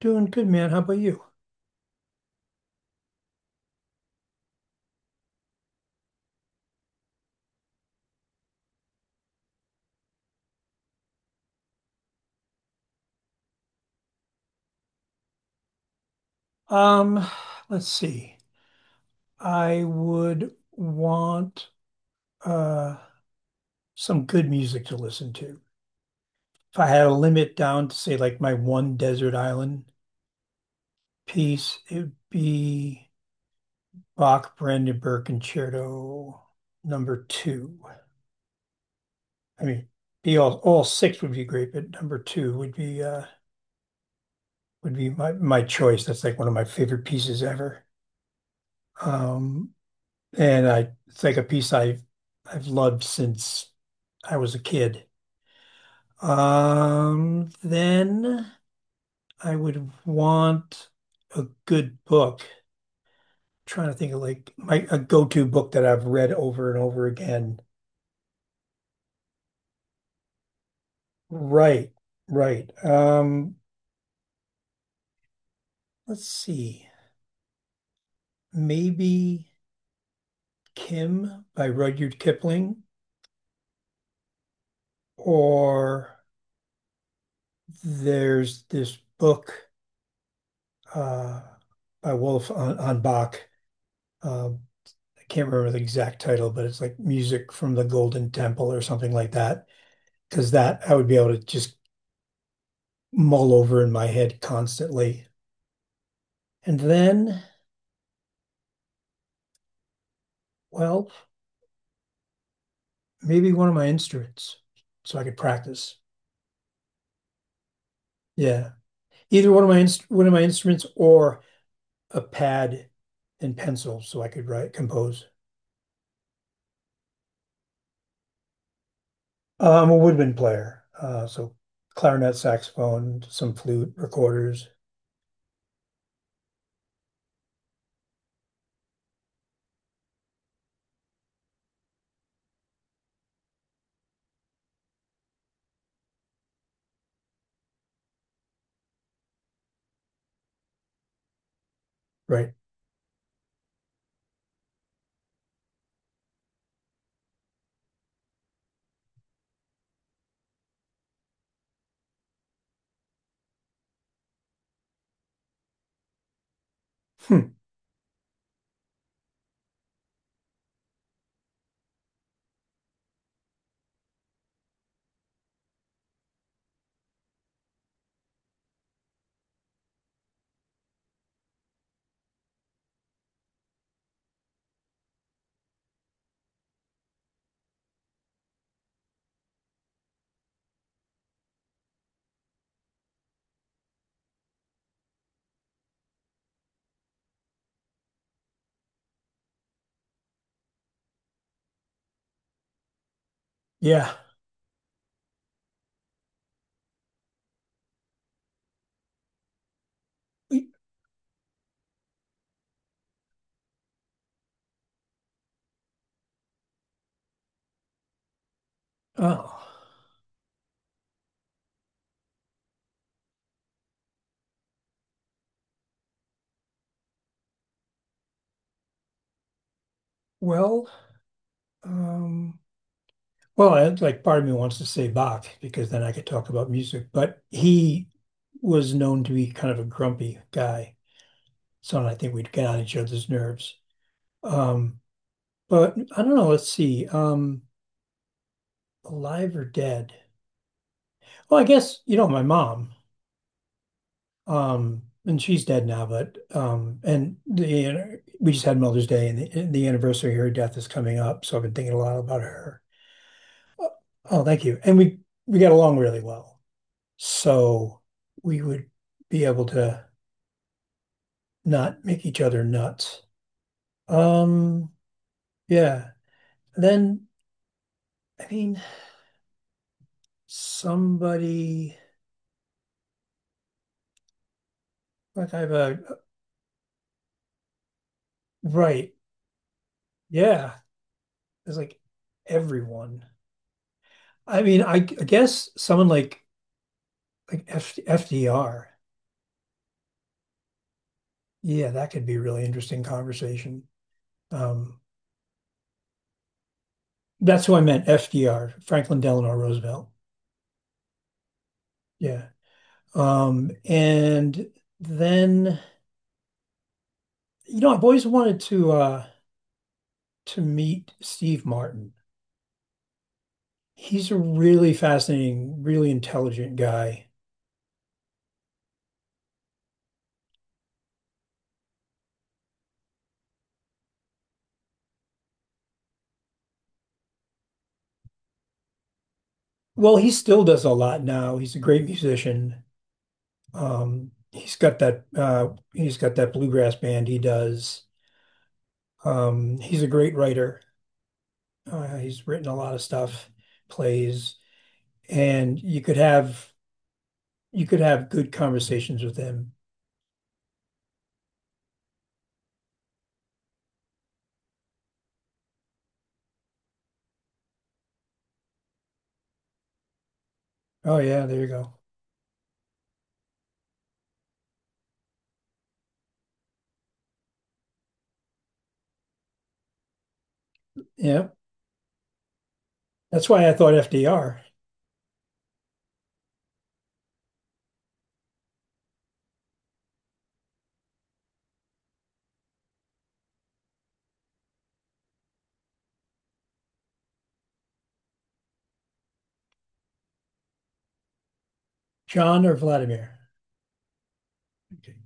Doing good, man. How about you? Um, let's see. I would want uh some good music to listen to. If I had a limit down to say like my one desert island piece, it would be Bach Brandenburg Concerto number two. I mean, be all six would be great, but number two would be my choice. That's like one of my favorite pieces ever. Um, and I it's like a piece I've loved since I was a kid. Then I would want a good book. Trying to think of like my a go-to book that I've read over and over again. Right, right. Let's see. Maybe Kim by Rudyard Kipling, or there's this book uh by Wolf on Bach. Uh, I can't remember the exact title, but it's like music from the Golden Temple or something like that. Because that I would be able to just mull over in my head constantly. And then, well, maybe one of my instruments, so I could practice. Yeah, either one of one of my instruments or a pad and pencil, so I could write compose. I'm a woodwind player, so clarinet, saxophone, some flute, recorders. Right. Hmm. Yeah. Oh, well, um, well, like part of me wants to say Bach because then I could talk about music, but he was known to be kind of a grumpy guy. So I think we'd get on each other's nerves. Um, but I don't know, let's see. Alive or dead? Well, I guess, you know, my mom, and she's dead now, but and the we just had Mother's Day and the anniversary of her death is coming up, so I've been thinking a lot about her. Oh, oh, thank you. And we got along really well. So we would be able to not make each other nuts. Um, yeah. Then I mean, somebody like I have a Right. Yeah, it's like everyone. I mean, I guess someone like FDR. Yeah, that could be a really interesting conversation. Um, that's who I meant, FDR, Franklin Delano Roosevelt. Yeah. And then You know, I've always wanted to meet Steve Martin. He's a really fascinating, really intelligent guy. Well, he still does a lot now. He's a great musician. Um, he's got that bluegrass band he does. He's a great writer. He's written a lot of stuff, plays, and you could have good conversations with him. Oh yeah, there you go. Yeah. That's why I thought FDR. John or Vladimir? Okay.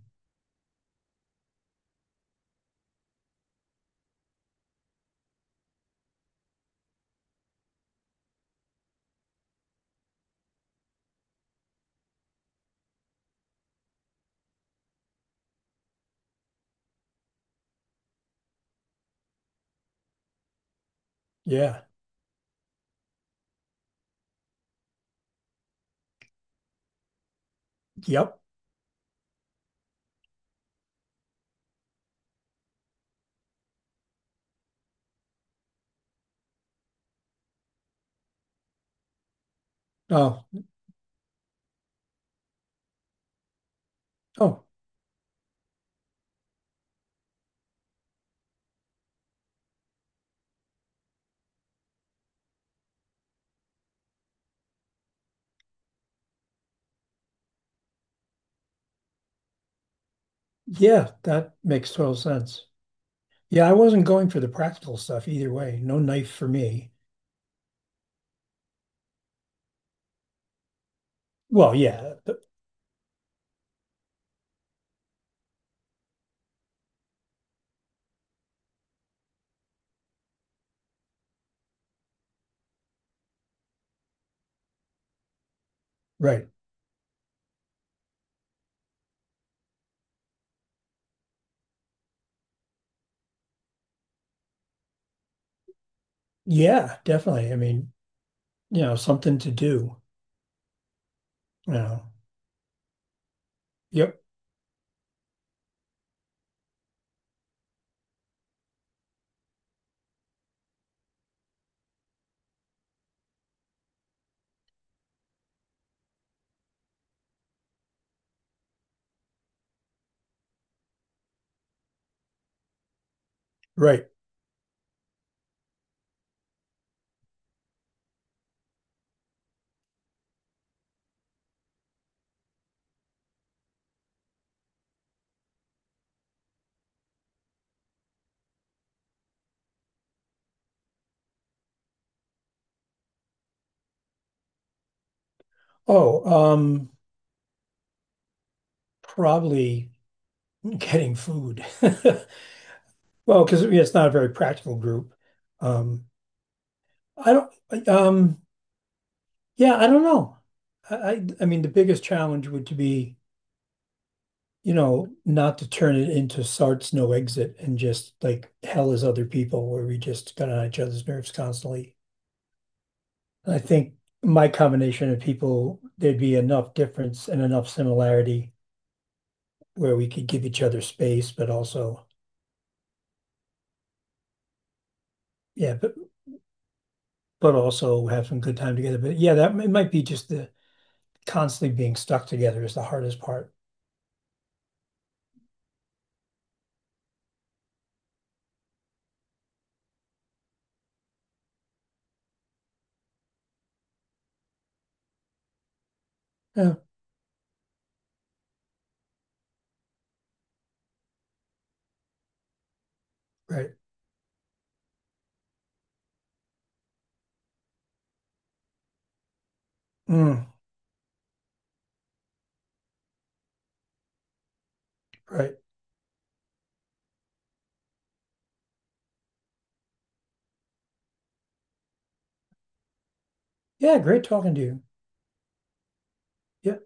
Yeah. Yep. Oh, oh, yeah, that makes total sense. Yeah, I wasn't going for the practical stuff either way. No knife for me. Well, yeah, right. Yeah, definitely. I mean, you know, something to do, you know. Yep, right. Oh, probably getting food. Well, because it's not a very practical group. Um, I don't, yeah, I don't know. I mean, the biggest challenge would to be, you know, not to turn it into Sartre's no exit and just like hell is other people where we just got on each other's nerves constantly. And I think my combination of people, there'd be enough difference and enough similarity where we could give each other space, but also, yeah, but but also have some good time together. But yeah, that it might be just the constantly being stuck together is the hardest part. Yeah, right. Mm, right. Yeah, great talking to you. Yeah.